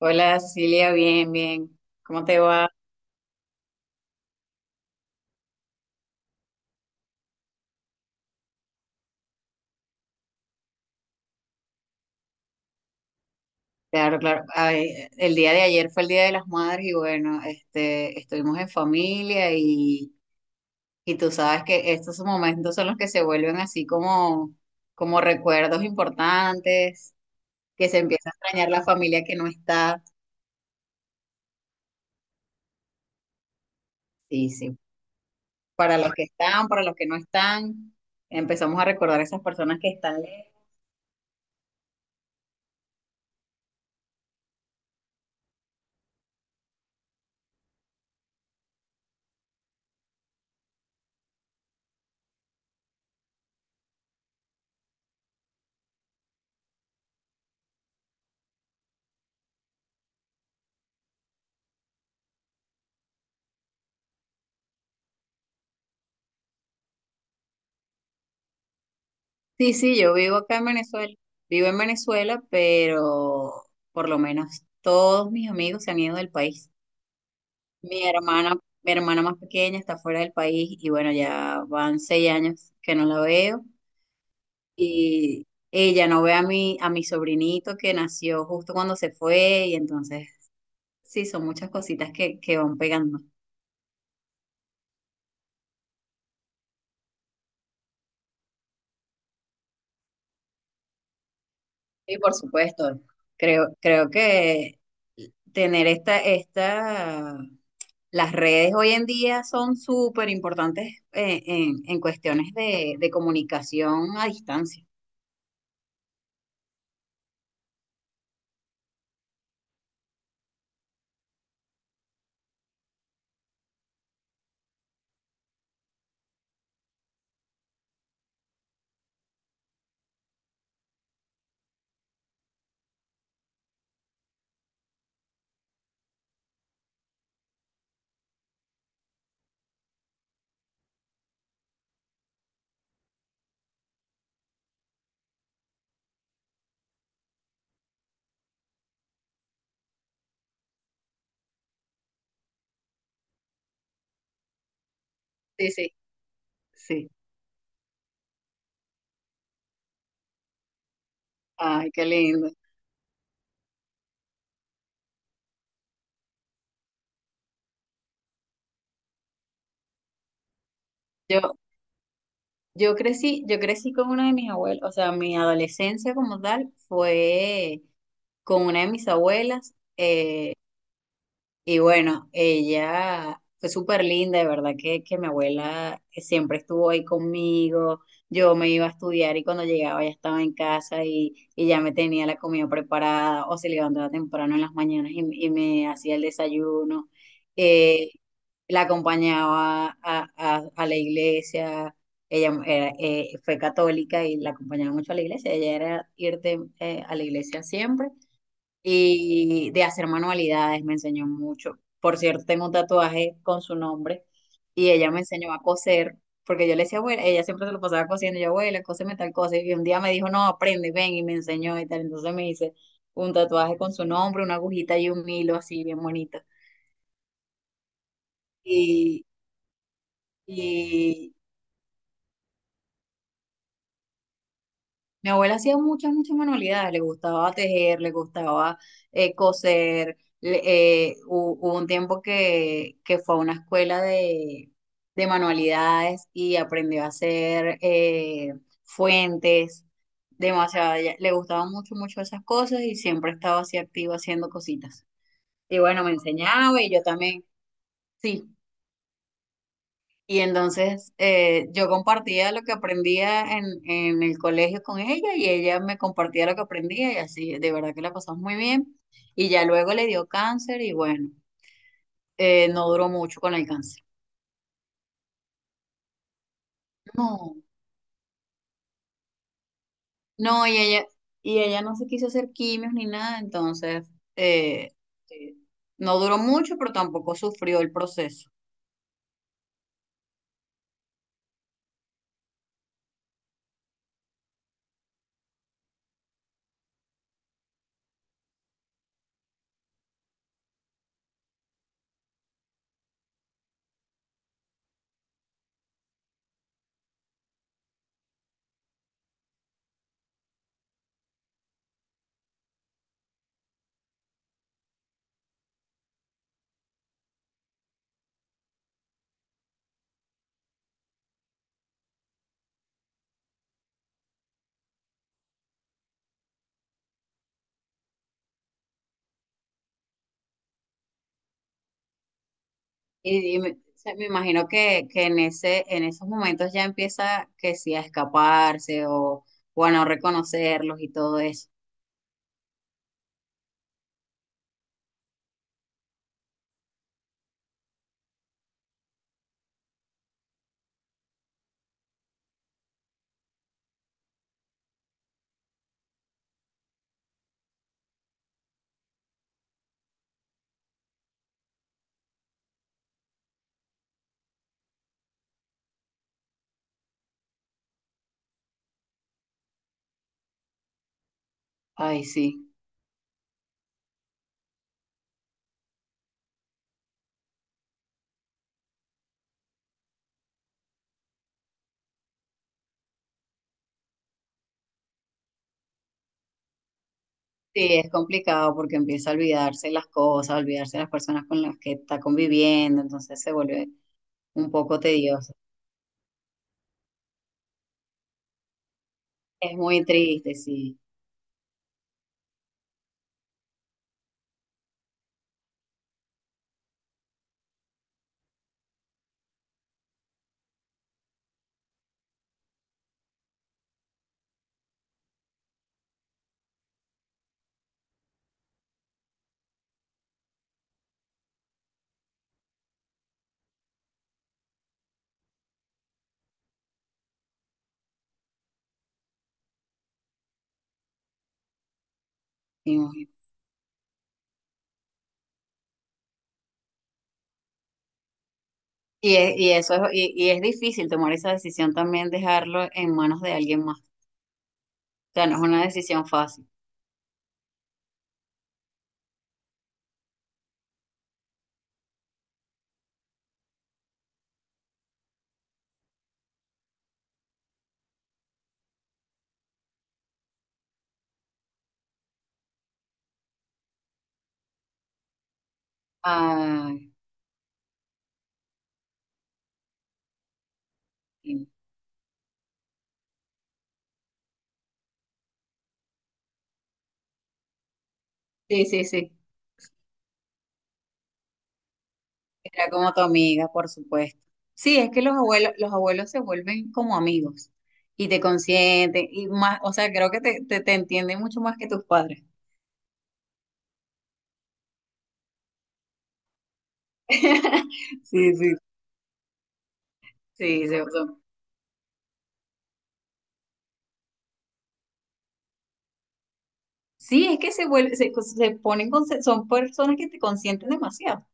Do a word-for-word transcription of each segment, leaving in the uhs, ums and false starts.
Hola, Silvia, bien, bien. ¿Cómo te va? Claro, claro. Ay, el día de ayer fue el Día de las Madres y bueno, este, estuvimos en familia y, y tú sabes que estos momentos son los que se vuelven así como, como recuerdos importantes, que se empieza a extrañar la familia que no está. Sí, sí. Para los que están, para los que no están, empezamos a recordar a esas personas que están lejos. Sí, sí, yo vivo acá en Venezuela, vivo en Venezuela, pero por lo menos todos mis amigos se han ido del país. Mi hermana, mi hermana más pequeña está fuera del país y bueno, ya van seis años que no la veo y ella no ve a mi, a mi sobrinito que nació justo cuando se fue y entonces sí, son muchas cositas que, que van pegando. Y por supuesto, creo, creo que tener esta, esta las redes hoy en día son súper importantes eh, en, en cuestiones de, de comunicación a distancia. Sí, sí. Sí, ay, qué lindo. Yo, yo crecí, yo crecí con una de mis abuelas, o sea, mi adolescencia como tal fue con una de mis abuelas. eh, Y bueno, ella fue súper linda, de verdad que, que mi abuela siempre estuvo ahí conmigo. Yo me iba a estudiar y cuando llegaba ya estaba en casa y, y ya me tenía la comida preparada o se levantaba temprano en las mañanas y, y me hacía el desayuno. Eh, la acompañaba a, a- a la iglesia. Ella era, eh, fue católica y la acompañaba mucho a la iglesia. Ella era irte eh, a la iglesia siempre y de hacer manualidades, me enseñó mucho. Por cierto, tengo un tatuaje con su nombre y ella me enseñó a coser, porque yo le decía, abuela, ella siempre se lo pasaba cosiendo, y yo, abuela, cóseme tal cosa, y un día me dijo, no, aprende, ven, y me enseñó y tal, entonces me hice un tatuaje con su nombre, una agujita y un hilo así bien bonito. Y, y Mi abuela hacía muchas, muchas manualidades, le gustaba tejer, le gustaba eh, coser. le- eh, hu- hubo un tiempo que, que fue a una escuela de, de manualidades y aprendió a hacer eh, fuentes, demasiado. ella- Le gustaban mucho, mucho esas cosas y siempre estaba así activa haciendo cositas. Y bueno, me enseñaba y yo también, sí. Y entonces eh, yo compartía lo que aprendía en, en el colegio con ella y ella me compartía lo que aprendía y así, de verdad que la pasamos muy bien. Y ya luego le dio cáncer y bueno, eh, no duró mucho con el cáncer. No, no, y ella, y ella no se quiso hacer quimios ni nada, entonces eh, eh, no duró mucho, pero tampoco sufrió el proceso. Y me, o sea, me imagino que, que en ese, en esos momentos ya empieza que sí a escaparse o, o a no reconocerlos y todo eso. Ay, sí. Sí, es complicado porque empieza a olvidarse las cosas, a olvidarse las personas con las que está conviviendo, entonces se vuelve un poco tedioso. Es muy triste, sí. Me imagino. Y, es- y eso es, y, y es difícil tomar esa decisión también, dejarlo en manos de alguien más. O sea, no es una decisión fácil. Ay, sí, sí, sí. Era como tu amiga, por supuesto. Sí, es que los abuelos, los abuelos se vuelven como amigos y te consienten y más, o sea, creo que te, te, te entienden mucho más que tus padres. Sí, sí, sí, se- son- sí, es que se vuelven, se, se ponen, con- son personas que te consienten demasiado.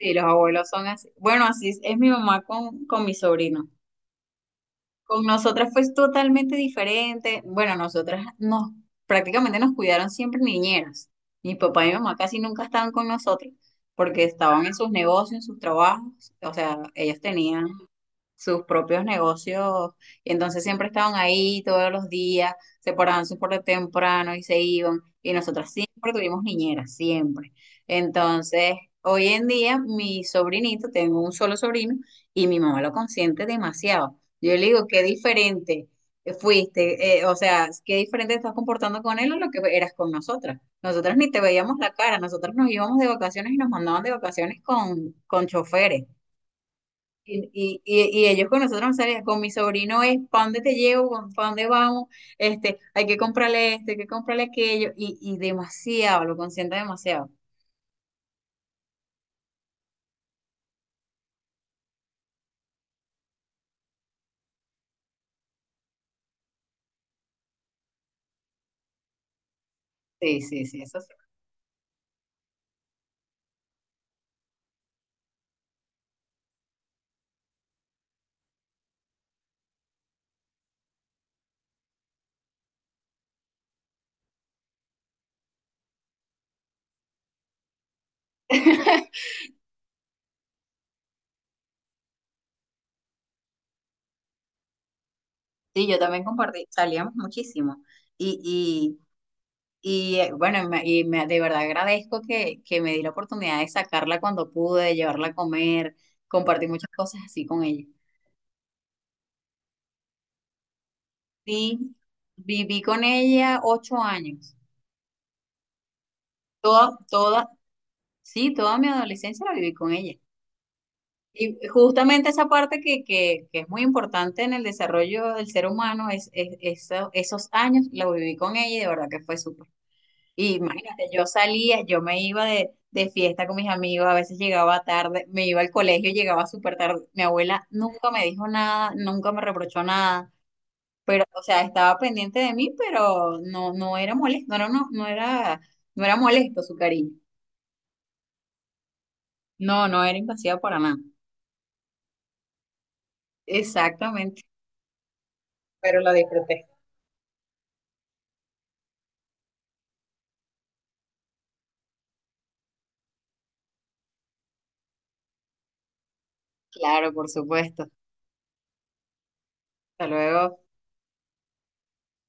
Sí, los abuelos son así. Bueno, así es, es mi mamá con, con mi sobrino. Con nosotras fue totalmente diferente. Bueno, nosotras nos prácticamente nos cuidaron siempre niñeras. Mi papá y mi mamá casi nunca estaban con nosotros porque estaban en sus negocios, en sus trabajos. O sea, ellos tenían sus propios negocios y entonces siempre estaban ahí todos los días, se paraban súper temprano y se iban y nosotras siempre tuvimos niñeras, siempre. Entonces, hoy en día mi sobrinito, tengo un solo sobrino y mi mamá lo consiente demasiado. Yo le digo, qué diferente fuiste, eh, o sea, qué diferente estás comportando con él a lo que eras con nosotras. Nosotras ni te veíamos la cara, nosotras nos íbamos de vacaciones y nos mandaban de vacaciones con, con choferes. Y, y, y- y ellos con nosotros no salían, con mi sobrino es, ¿para dónde te llevo? ¿Para dónde vamos? Este, hay que comprarle esto, hay que comprarle aquello, y, y demasiado, lo consiente demasiado. Sí, sí, sí, eso sí. Sí, yo también compartí, salíamos muchísimo. Y, y, y eh, bueno, me- y me- de verdad agradezco que, que me di la oportunidad de sacarla cuando pude, llevarla a comer, compartí muchas cosas así con ella. Sí, viví con ella ocho años. Toda, toda, sí, toda mi adolescencia la viví con ella. Y justamente esa parte que, que, que es muy importante en el desarrollo del ser humano, es, es- eso- esos años lo viví con ella y de verdad que fue súper. Y imagínate, yo salía, yo me iba de, de fiesta con mis amigos, a veces llegaba tarde, me iba al colegio, llegaba súper tarde. Mi abuela nunca me dijo nada, nunca me reprochó nada, pero, o sea, estaba pendiente de mí, pero no, no era molesto, no era, no, no era, no era molesto su cariño. No, no era invasiva para nada. Exactamente, pero la disfruté. Claro, por supuesto. Hasta luego.